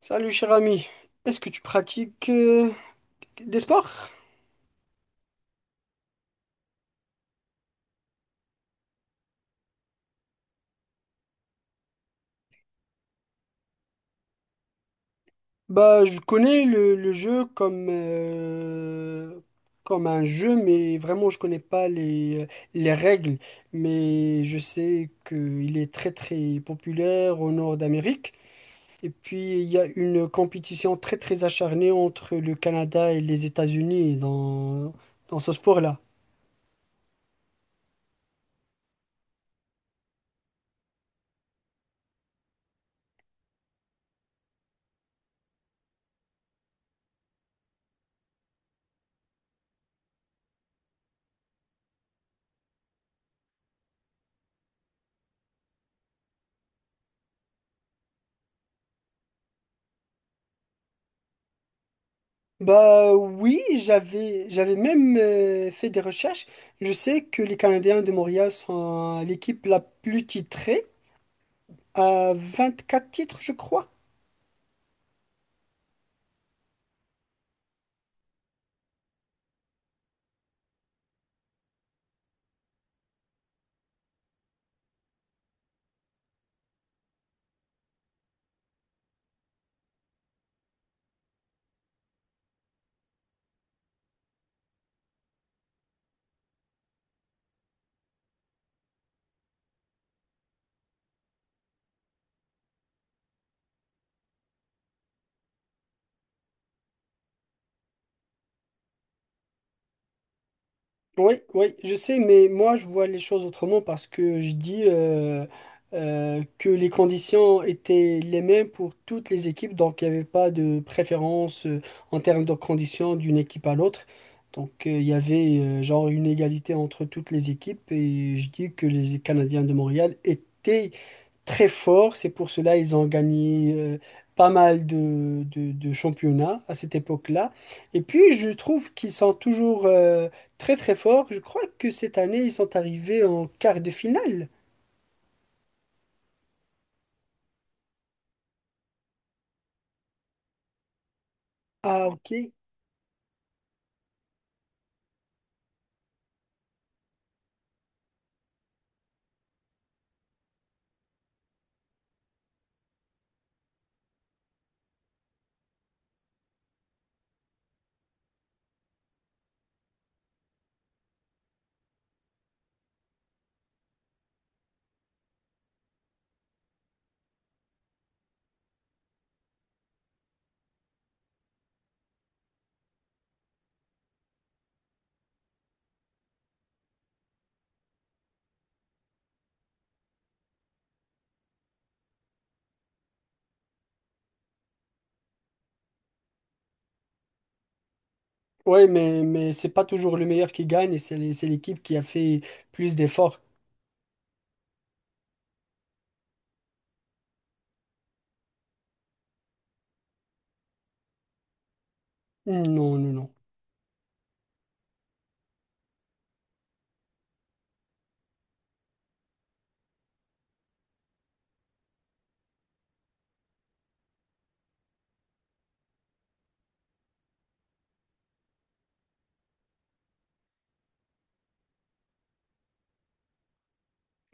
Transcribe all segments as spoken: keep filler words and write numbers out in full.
Salut cher ami, est-ce que tu pratiques euh, des sports? Bah, je connais le, le jeu comme, euh, comme un jeu, mais vraiment je connais pas les, euh, les règles. Mais je sais qu'il est très très populaire au nord d'Amérique. Et puis il y a une compétition très très acharnée entre le Canada et les États-Unis dans, dans ce sport-là. Bah oui, j'avais j'avais même euh, fait des recherches. Je sais que les Canadiens de Montréal sont l'équipe la plus titrée, à quatre titres, je crois. Oui, oui, je sais, mais moi je vois les choses autrement parce que je dis euh, euh, que les conditions étaient les mêmes pour toutes les équipes, donc il n'y avait pas de préférence euh, en termes de conditions d'une équipe à l'autre. Donc euh, il y avait euh, genre une égalité entre toutes les équipes et je dis que les Canadiens de Montréal étaient très fort. C'est pour cela ils ont gagné euh, pas mal de, de- de championnats à cette époque-là. Et puis, je trouve qu'ils sont toujours euh, très très forts. Je crois que cette année, ils sont arrivés en quart de finale. Ah, ok. Ouais, mais, mais c'est pas toujours le meilleur qui gagne et c'est l'é- c'est l'équipe qui a fait plus d'efforts. Non, non, non.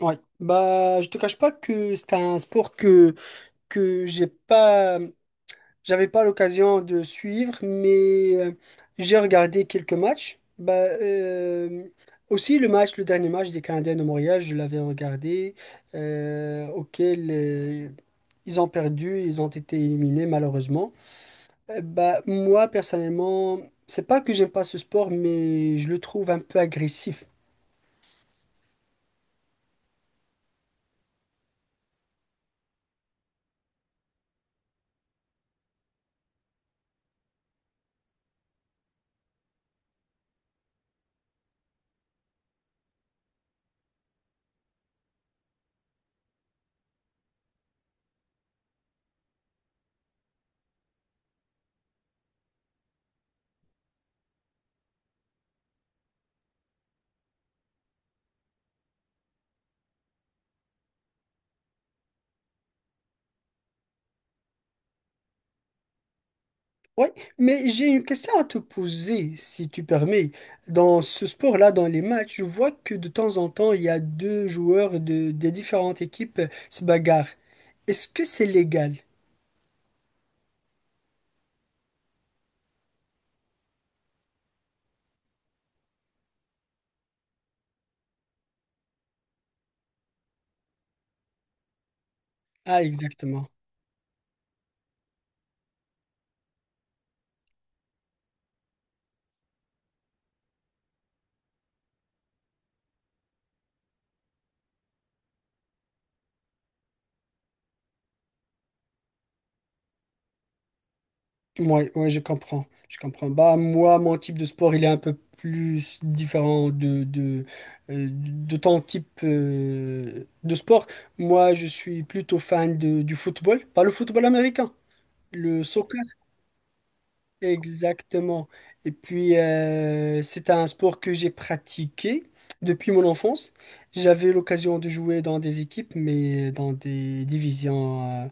Ouais. Bah, je te cache pas que c'est un sport que, que j'ai pas. J'avais pas l'occasion de suivre, mais euh, j'ai regardé quelques matchs. Bah, euh, aussi le match, le dernier match des Canadiens de Montréal, je l'avais regardé, euh, auquel euh, ils ont perdu, ils ont été éliminés malheureusement. Euh, bah, moi personnellement, c'est pas que j'aime pas ce sport, mais je le trouve un peu agressif. Oui, mais j'ai une question à te poser, si tu permets. Dans ce sport-là, dans les matchs, je vois que de temps en temps, il y a deux joueurs de, des différentes équipes se bagarrent. Est-ce que c'est légal? Ah, exactement. Oui, ouais, je comprends. Je comprends. Bah, moi, mon type de sport, il est un peu plus différent de, de, euh, de ton type euh, de sport. Moi, je suis plutôt fan de- du football, pas le football américain, le soccer. Exactement. Et puis, euh, c'est un sport que j'ai pratiqué depuis mon enfance. J'avais l'occasion de jouer dans des équipes, mais dans des divisions euh,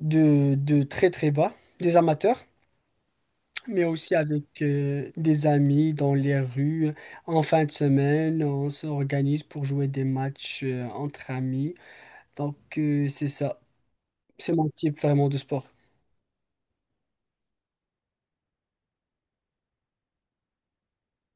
de, de très très bas, des amateurs, mais aussi avec euh, des amis dans les rues. En fin de semaine, on s'organise pour jouer des matchs euh, entre amis. Donc, euh, c'est ça. C'est mon type vraiment de sport.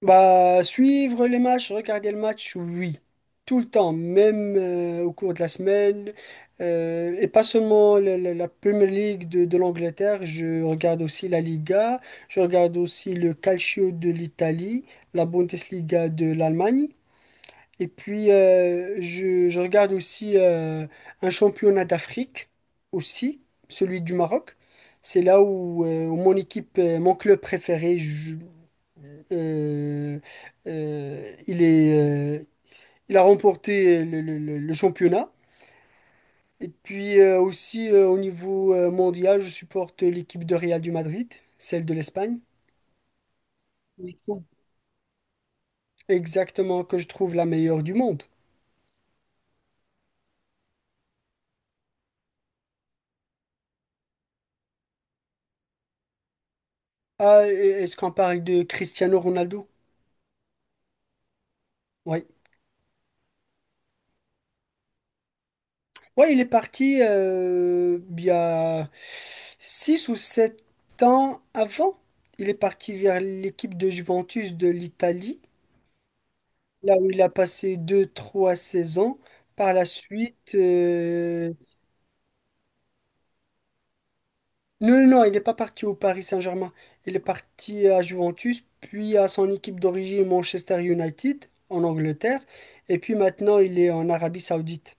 Bah, suivre les matchs, regarder le match, oui. Tout le temps, même euh, au cours de la semaine. Euh, et pas seulement la, la- la Premier League de, de l'Angleterre, je regarde aussi la Liga, je regarde aussi le Calcio de l'Italie, la Bundesliga de l'Allemagne. Et puis, euh, je, je regarde aussi euh, un championnat d'Afrique, aussi, celui du Maroc. C'est là où, euh, où mon équipe, euh, mon club préféré, je- euh, euh, il est, euh, il a remporté le, le- le- le championnat. Et puis euh, aussi, euh, au niveau euh, mondial, je supporte l'équipe de Real du Madrid, celle de l'Espagne. Je trouve Exactement, que je trouve la meilleure du monde. Ah, et- est-ce qu'on parle de Cristiano Ronaldo? Oui. Ouais, il est parti euh, il y a six ou sept ans avant. Il est parti vers l'équipe de Juventus de l'Italie, là où il a passé deux trois saisons. Par la suite, euh, non, non, non, il n'est pas parti au Paris Saint-Germain. Il est parti à Juventus, puis à son équipe d'origine Manchester United en Angleterre. Et puis maintenant, il est en Arabie Saoudite.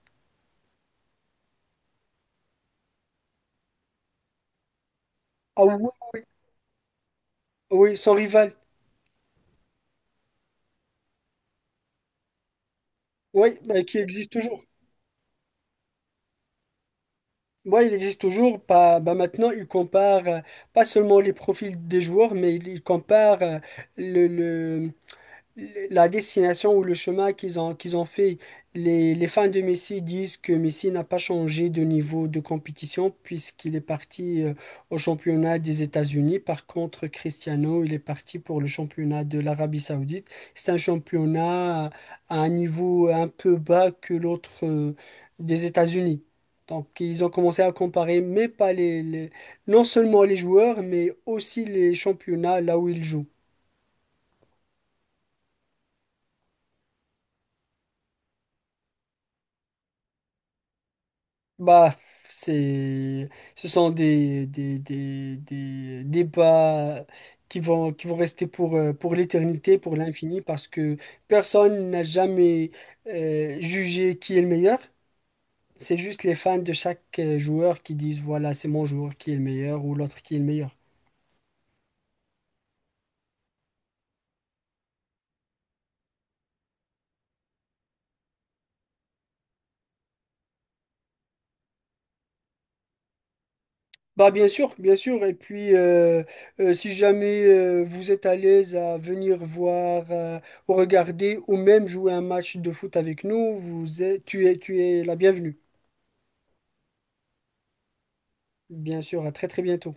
Ah oui, oui, oui, oui, son rival, oui, bah, qui existe toujours. Ouais, il existe toujours. Pas, bah maintenant, il compare euh, pas seulement les profils des joueurs, mais il, il compare euh, le, le- la destination ou le chemin qu'ils ont, qu'ils ont fait. Les, les fans de Messi disent que Messi n'a pas changé de niveau de compétition puisqu'il est parti euh, au championnat des États-Unis. Par contre, Cristiano, il est parti pour le championnat de l'Arabie Saoudite. C'est un championnat à un niveau un peu bas que l'autre euh, des États-Unis. Donc, ils ont commencé à comparer, mais pas les, les- non seulement les joueurs, mais aussi les championnats là où ils jouent. Bah, c'est, ce sont des, des, des, des débats qui vont, qui vont rester pour, euh, pour l'éternité, pour l'infini, parce que personne n'a jamais euh, jugé qui est le meilleur. C'est juste les fans de chaque euh, joueur qui disent, voilà, c'est mon joueur qui est le meilleur ou l'autre qui est le meilleur. Bah bien sûr, bien sûr. Et puis, euh, euh, si jamais euh, vous êtes à l'aise à venir voir euh, ou regarder ou même jouer un match de foot avec nous, vous êtes, tu es, tu es la bienvenue. Bien sûr, à très très bientôt.